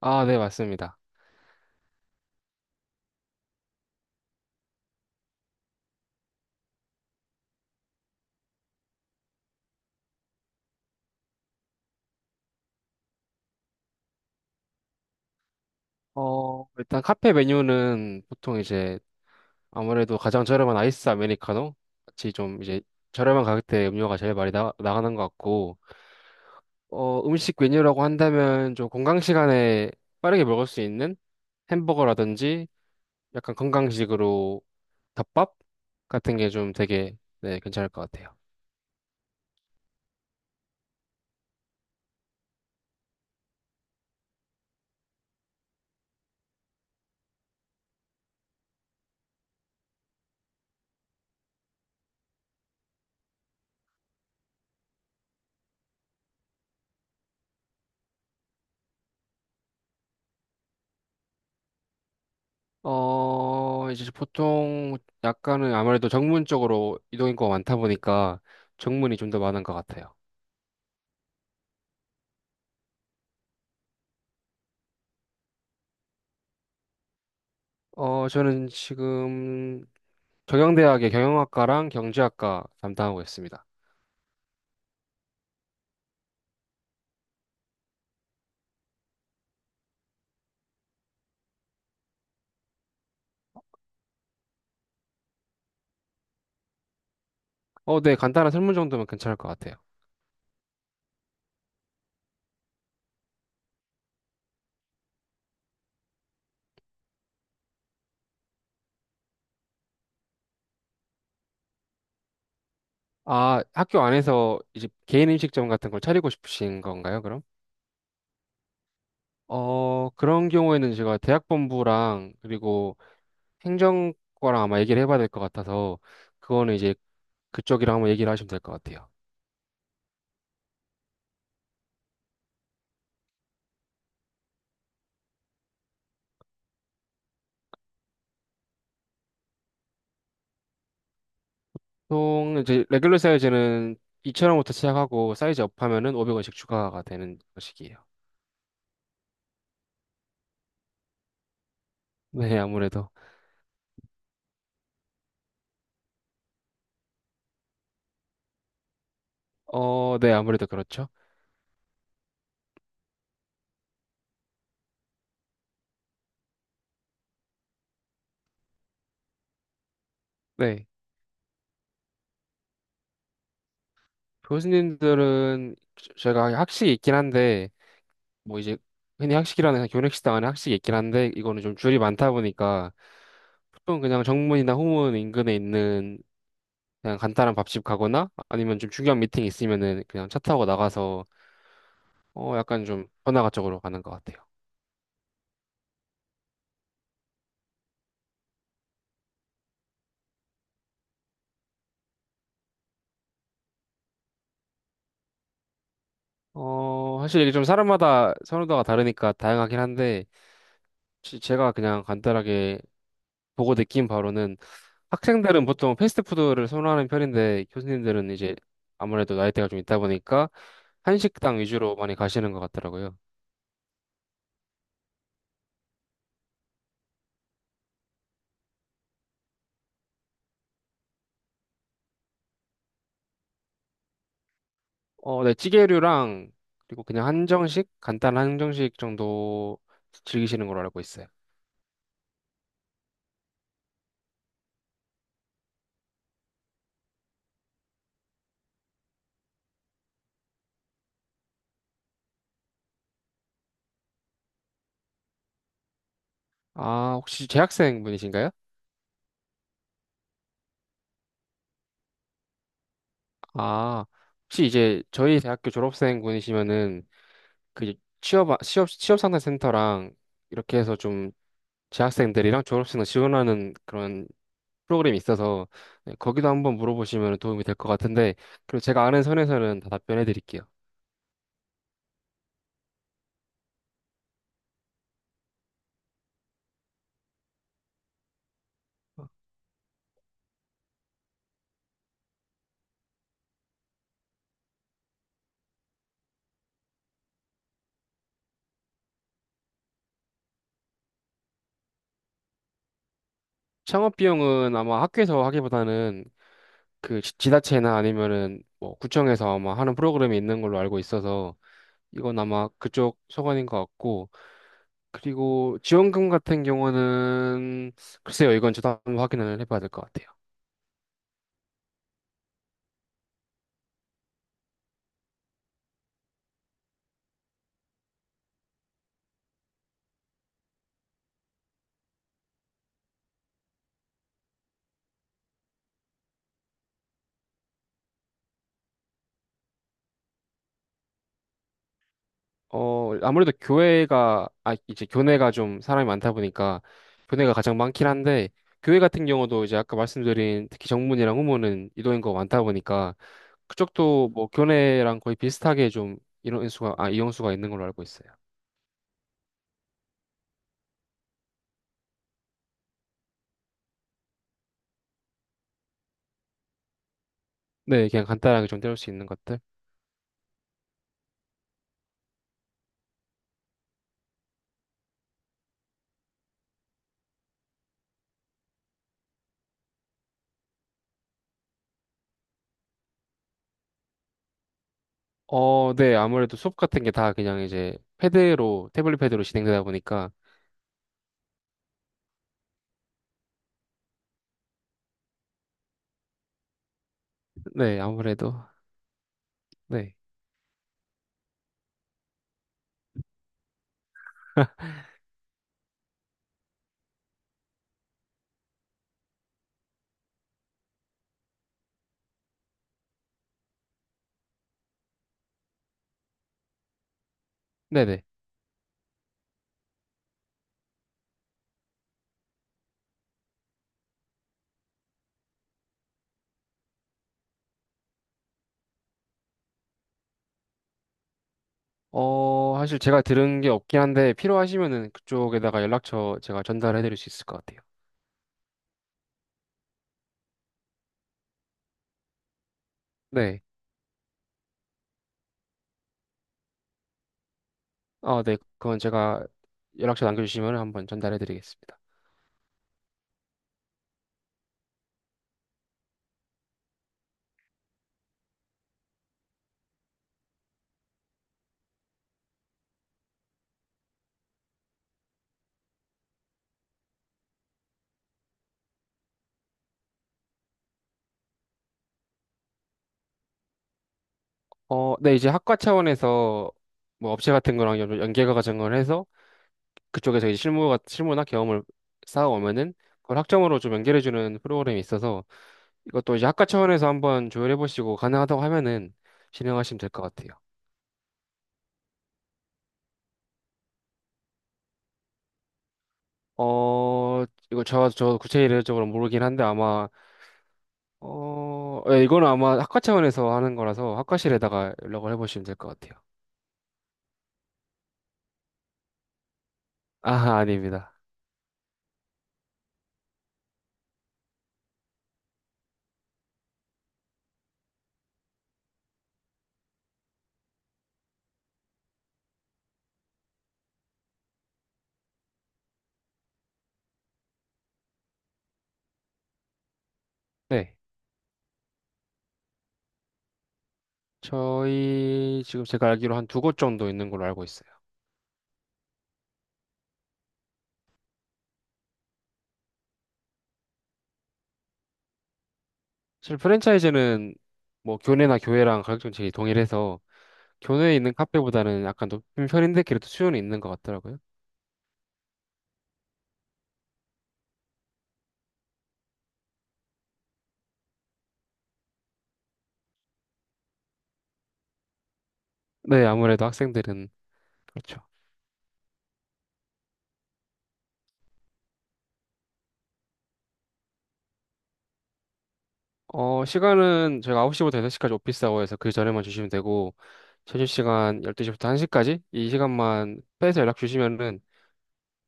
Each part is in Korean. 아, 네, 맞습니다. 일단 카페 메뉴는 보통 이제 아무래도 가장 저렴한 아이스 아메리카노 같이 좀 이제 저렴한 가격대 음료가 제일 많이 나가는 것 같고, 음식 메뉴라고 한다면 좀 건강 시간에 빠르게 먹을 수 있는 햄버거라든지 약간 건강식으로 덮밥 같은 게 좀 되게 네, 괜찮을 것 같아요. 이제 보통 약간은 아무래도 정문 쪽으로 이동 인구가 많다 보니까 정문이 좀 더 많은 것 같아요. 저는 지금 경영대학의 경영학과랑 경제학과 담당하고 있습니다. 어, 네, 간단한 설문 정도면 괜찮을 것 같아요. 아, 학교 안에서 이제 개인 음식점 같은 걸 차리고 싶으신 건가요, 그럼? 그런 경우에는 제가 대학본부랑 그리고 행정과랑 아마 얘기를 해봐야 될 것 같아서 그거는 이제 그쪽이랑 한번 얘기를 하시면 될 것 같아요. 보통 이제 레귤러 사이즈는 2,000원부터 시작하고 사이즈 업하면은 500원씩 추가가 되는 것이에요. 네, 아무래도. 어, 네, 아무래도 그렇죠. 네. 교수님들은 저희가 학식이 있긴 한데 뭐 이제 흔히 학식이라는 교내식당 안에 학식이 있긴 한데 이거는 좀 줄이 많다 보니까 보통 그냥 정문이나 후문 인근에 있는 그냥 간단한 밥집 가거나 아니면 좀 중요한 미팅 있으면은 그냥 차 타고 나가서 어 약간 좀 번화가 쪽으로 가는 것 같아요. 사실 이게 좀 사람마다 선호도가 다르니까 다양하긴 한데, 제가 그냥 간단하게 보고 느낀 바로는 학생들은 보통 패스트푸드를 선호하는 편인데, 교수님들은 이제 아무래도 나이대가 좀 있다 보니까 한식당 위주로 많이 가시는 것 같더라고요. 어, 네, 찌개류랑 그리고 그냥 한정식, 간단한 한정식 정도 즐기시는 걸로 알고 있어요. 아, 혹시 재학생 분이신가요? 아, 혹시 이제 저희 대학교 졸업생 분이시면은 그 취업 상담 센터랑 이렇게 해서 좀 재학생들이랑 졸업생을 지원하는 그런 프로그램이 있어서 네, 거기도 한번 물어보시면 도움이 될 것 같은데 그리고 제가 아는 선에서는 다 답변해 드릴게요. 창업 비용은 아마 학교에서 하기보다는 그 지자체나 아니면은 뭐 구청에서 아마 하는 프로그램이 있는 걸로 알고 있어서 이건 아마 그쪽 소관인 것 같고 그리고 지원금 같은 경우는 글쎄요 이건 저도 한번 확인을 해봐야 될 것 같아요. 어, 아무래도 교회가, 아, 이제 교내가 좀 사람이 많다 보니까 교내가 가장 많긴 한데, 교회 같은 경우도 이제 아까 말씀드린 특히 정문이랑 후문은 이도인구가 많다 보니까 그쪽도 뭐 교내랑 거의 비슷하게 좀 이용수가 있는 걸로 알고 있어요. 네, 그냥 간단하게 좀 때울 수 있는 것들. 어, 네, 아무래도 수업 같은 게 다 그냥 이제 패드로, 태블릿 패드로 진행되다 보니까, 네, 아무래도, 네, 네네. 사실 제가 들은 게 없긴 한데 필요하시면은 그쪽에다가 연락처 제가 전달해 드릴 수 있을 것 같아요. 네. 아, 네. 그건 제가 연락처 남겨주시면 한번 전달해 드리겠습니다. 어, 네. 이제 학과 차원에서 뭐 업체 같은 거랑 연계가 과정을 해서 그쪽에서 이제 실무가 실무나 경험을 쌓아오면은 그걸 학점으로 좀 연결해주는 프로그램이 있어서 이것도 이제 학과 차원에서 한번 조율해보시고 가능하다고 하면은 진행하시면 될 것 같아요. 어, 이거 저 구체적으로 모르긴 한데 아마, 어, 예, 이거는 아마 학과 차원에서 하는 거라서 학과실에다가 연락을 해보시면 될 것 같아요. 아, 아닙니다. 네. 저희 지금 제가 알기로 한 두 곳 정도 있는 걸로 알고 있어요. 사실 프랜차이즈는 뭐 교내나 교회랑 가격 정책이 동일해서 교내에 있는 카페보다는 약간 높은 편인데 그래도 수요는 있는 것 같더라고요. 네, 아무래도 학생들은 그렇죠. 시간은 저희가 9시부터 6시까지 오피스 아워에서 그 전에만 주시면 되고 점심시간 12시부터 1시까지 이 시간만 빼서 연락 주시면은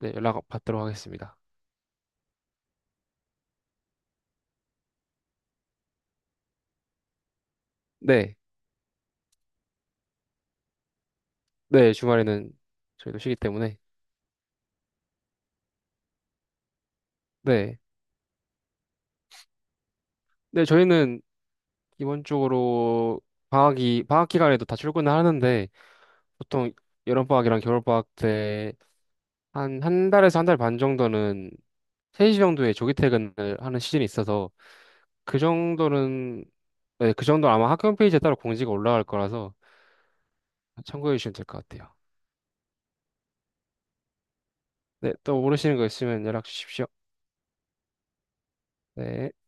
네, 연락 받도록 하겠습니다. 네, 네, 주말에는 저희도 쉬기 때문에 네, 네, 저희는 기본적으로 방학 기간에도 다 출근을 하는데 보통 여름방학이랑 겨울방학 때 한 한 달에서 한 달 반 정도는 3시 정도에 조기 퇴근을 하는 시즌이 있어서 그 정도는 네, 그 정도는 아마 학교 홈페이지에 따로 공지가 올라갈 거라서 참고해 주시면 될 것 같아요. 네, 또 모르시는 거 있으면 연락 주십시오. 네.